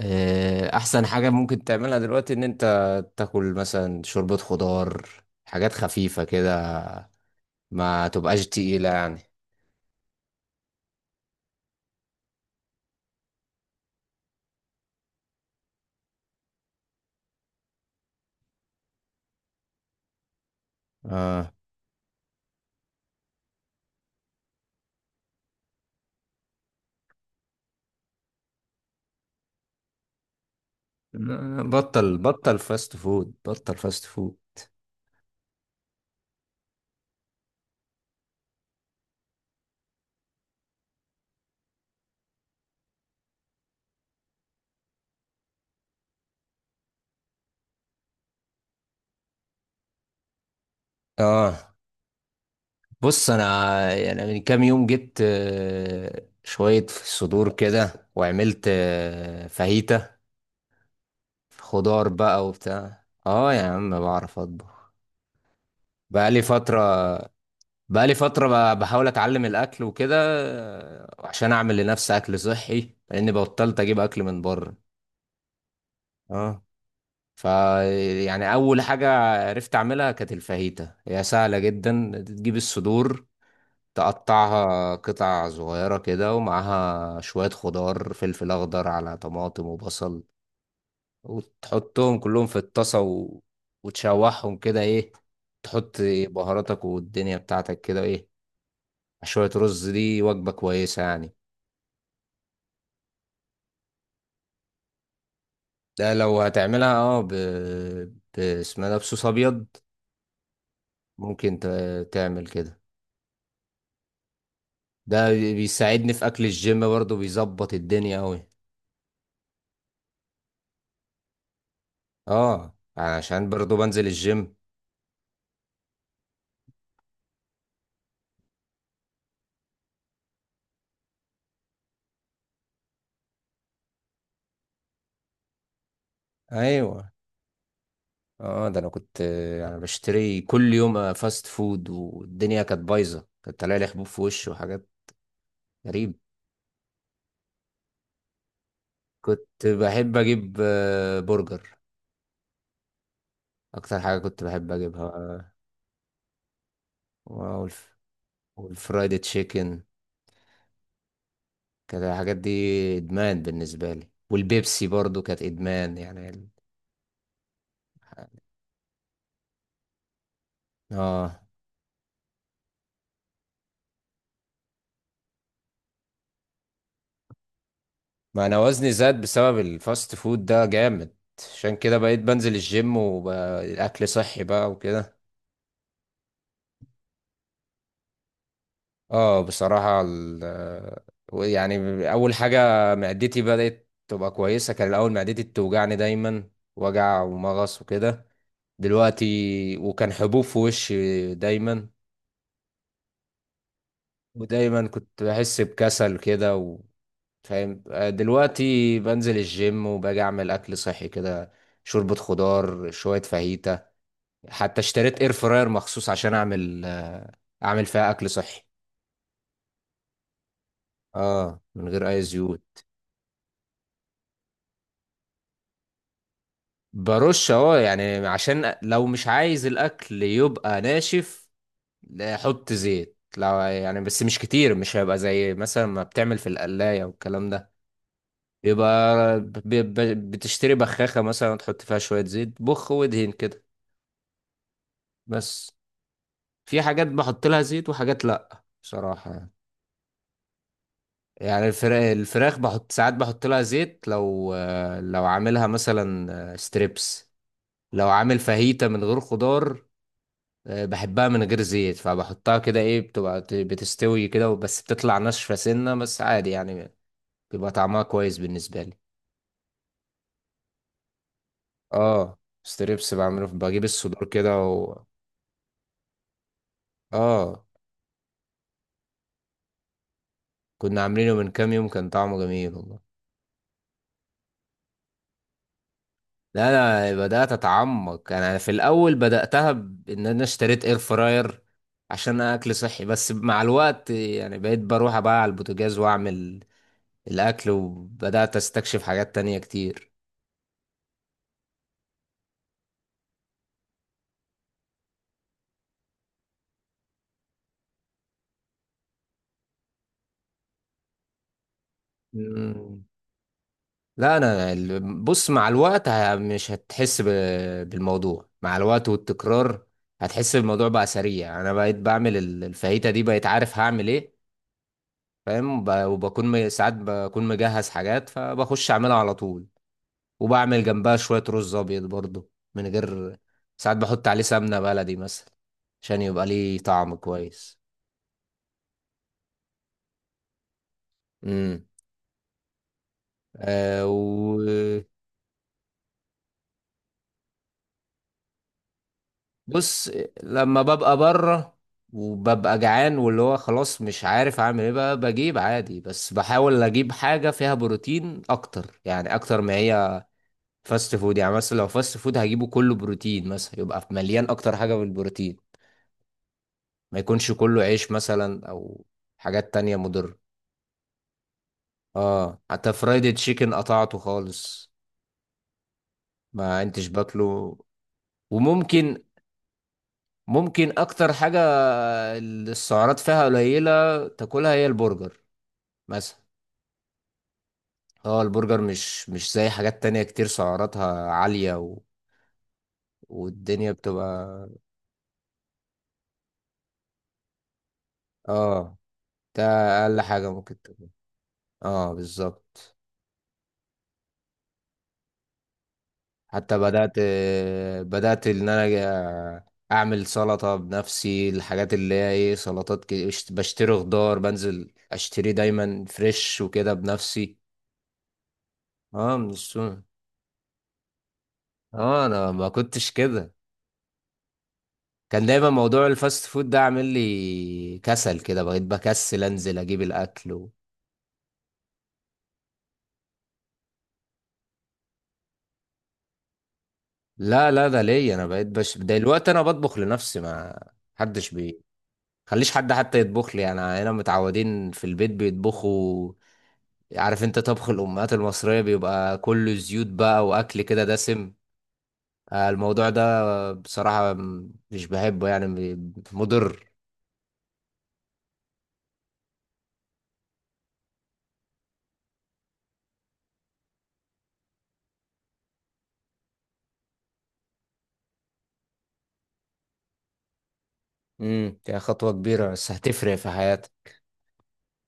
احسن حاجة ممكن تعملها دلوقتي ان انت تاكل مثلا شوربة خضار، حاجات خفيفة كده، ما تبقاش تقيلة يعني. اه، لا، بطل فاست فود، بطل فاست فود. اه، بص، انا يعني من كام يوم جبت شوية صدور كده، وعملت فاهيتا خضار بقى وبتاع. اه يا عم، بعرف اطبخ. بقالي فترة. بقالي فترة. بحاول أتعلم الأكل وكده، عشان أعمل لنفسي أكل صحي، لأني بطلت أجيب أكل من بره. اه، ف يعني أول حاجة عرفت أعملها كانت الفاهيتا. هي سهلة جدا، تجيب الصدور، تقطعها قطع صغيرة كده، ومعاها شوية خضار، فلفل أخضر على طماطم وبصل، وتحطهم كلهم في الطاسة وتشوحهم كده، إيه، تحط بهاراتك والدنيا بتاعتك كده، إيه، شوية رز. دي وجبة كويسة يعني. ده لو هتعملها اه اسمها ده بصوص ابيض. ممكن ت... تعمل كده. ده بيساعدني في اكل الجيم برضو، بيظبط الدنيا اوي. اه، عشان برضو بنزل الجيم. ايوه. اه ده انا كنت انا بشتري كل يوم فاست فود، والدنيا كانت بايظه، كانت طالع لي حبوب في وشي وحاجات غريب. كنت بحب اجيب برجر اكتر حاجه كنت بحب اجيبها. آه، والف- والفرايد تشيكن. كانت الحاجات دي ادمان بالنسبه لي، والبيبسي برضو كانت ادمان. اه، ما انا وزني زاد بسبب الفاست فود ده جامد. عشان كده بقيت بنزل الجيم والاكل صحي بقى وكده. اه بصراحه يعني اول حاجه معدتي بدات تبقى كويسه. كان الاول معدتي بتوجعني دايما، وجع ومغص وكده. دلوقتي، وكان حبوب في وشي دايما، ودايما كنت بحس بكسل كده. فاهم؟ دلوقتي بنزل الجيم، وباجي اعمل اكل صحي كده، شوربة خضار، شوية فاهيتا. حتى اشتريت اير فراير مخصوص عشان اعمل اعمل فيها اكل صحي. اه من غير اي زيوت. برش اهو، يعني عشان لو مش عايز الاكل يبقى ناشف. لا، حط زيت لو يعني، بس مش كتير، مش هيبقى زي مثلا ما بتعمل في القلاية والكلام ده. يبقى بتشتري بخاخة مثلا وتحط فيها شوية زيت، بخ وادهن كده بس. في حاجات بحط لها زيت، وحاجات لا بصراحة يعني. يعني الفراخ بحط ساعات، بحط لها زيت لو، لو عاملها مثلا ستريبس. لو عامل فاهيتا من غير خضار، بحبها من غير زيت، فبحطها كده، ايه، بتبقى بتستوي كده، بس بتطلع ناشفة سنة، بس عادي يعني، بيبقى طعمها كويس بالنسبة لي. اه ستريبس بعمله، بجيب الصدور كده و... اه، كنا عاملينه من كام يوم، كان طعمه جميل والله. لا انا بدات اتعمق. انا في الاول بداتها بان انا اشتريت اير فراير عشان اكل صحي، بس مع الوقت يعني بقيت بروح بقى على البوتاجاز واعمل الاكل، وبدات استكشف حاجات تانية كتير. مم. لا انا بص، مع الوقت مش هتحس بالموضوع. مع الوقت والتكرار هتحس الموضوع بقى سريع. انا بقيت بعمل الفاهيتا دي، بقيت عارف هعمل ايه، فاهم؟ وبكون ساعات بكون مجهز حاجات، فبخش اعملها على طول. وبعمل جنبها شوية رز أبيض برضو من غير، ساعات بحط عليه سمنة بلدي مثلا عشان يبقى ليه طعم كويس. امم. آه. وبص، لما ببقى بره وببقى جعان، واللي هو خلاص مش عارف اعمل ايه بقى، بجيب عادي، بس بحاول اجيب حاجة فيها بروتين اكتر، يعني اكتر ما هي فاست فود. يعني مثلا لو فاست فود هجيبه، كله بروتين مثلا، يبقى مليان اكتر حاجة بالبروتين، ما يكونش كله عيش مثلا، او حاجات تانية مضرة. اه حتى فرايدي تشيكن قطعته خالص، ما كنتش باكله. وممكن، ممكن اكتر حاجة السعرات فيها قليلة تاكلها هي البرجر مثلا. اه البرجر مش زي حاجات تانية كتير سعراتها عالية و... والدنيا بتبقى، اه ده اقل حاجة ممكن تاكلها. اه بالظبط. حتى بدأت، بدأت إن أنا أعمل سلطة بنفسي، الحاجات اللي هي إيه، سلطات كده، بشتري خضار، بنزل أشتري دايما فريش وكده بنفسي. اه من السوق. اه أنا ما كنتش كده، كان دايما موضوع الفاست فود ده عامل لي كسل كده، بقيت بكسل أنزل أجيب الأكل و... لا لا، ده ليا أنا، بقيت دلوقتي أنا بطبخ لنفسي. ما حدش بي خليش حد حتى يطبخ لي يعني. هنا متعودين في البيت بيطبخوا، عارف انت، طبخ الامهات المصريه بيبقى كله زيوت بقى، واكل كده دسم. الموضوع ده بصراحه مش بحبه يعني، مضر. امم، يعني خطوه كبيره بس هتفرق في حياتك.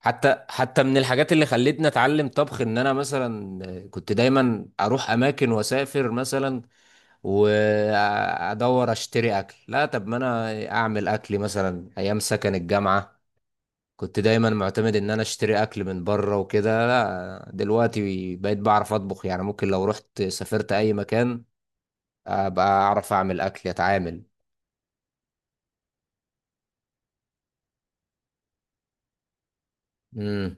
حتى من الحاجات اللي خلتني اتعلم طبخ، ان انا مثلا كنت دايما اروح اماكن واسافر مثلا، وادور اشتري اكل. لا، طب ما انا اعمل اكلي مثلا. ايام سكن الجامعه كنت دايما معتمد ان انا اشتري اكل من بره وكده. لا دلوقتي بقيت بعرف اطبخ يعني، ممكن لو رحت سافرت اي مكان ابقى اعرف اعمل اكل، اتعامل. امم.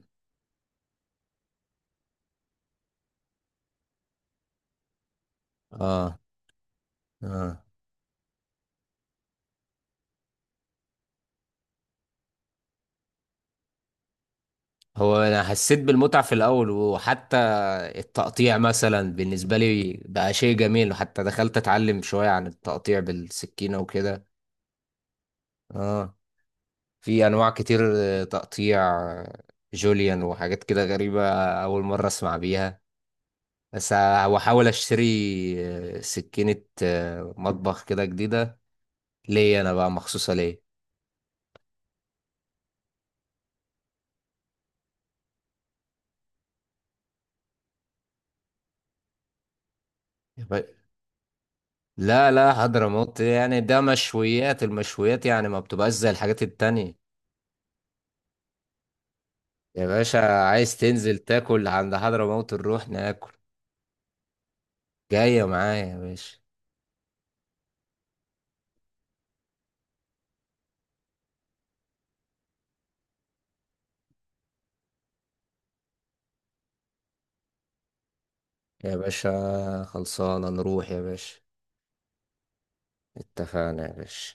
اه. اه هو انا حسيت بالمتعة في الاول، وحتى التقطيع مثلا بالنسبة لي بقى شيء جميل، وحتى دخلت اتعلم شوية عن التقطيع بالسكينة وكده. اه، في انواع كتير تقطيع، جوليان وحاجات كده غريبة، اول مرة اسمع بيها. بس هحاول اشتري سكينة مطبخ كده جديدة ليا انا بقى، مخصوصة ليا. يبقى- لا لا، حضرموت يعني ده مشويات، المشويات يعني ما بتبقاش زي الحاجات التانية. يا باشا عايز تنزل تاكل عند حضرموت، نروح ناكل. جاية معايا يا باشا. يا باشا خلصانة، نروح يا باشا. اتفقنا يا باشا.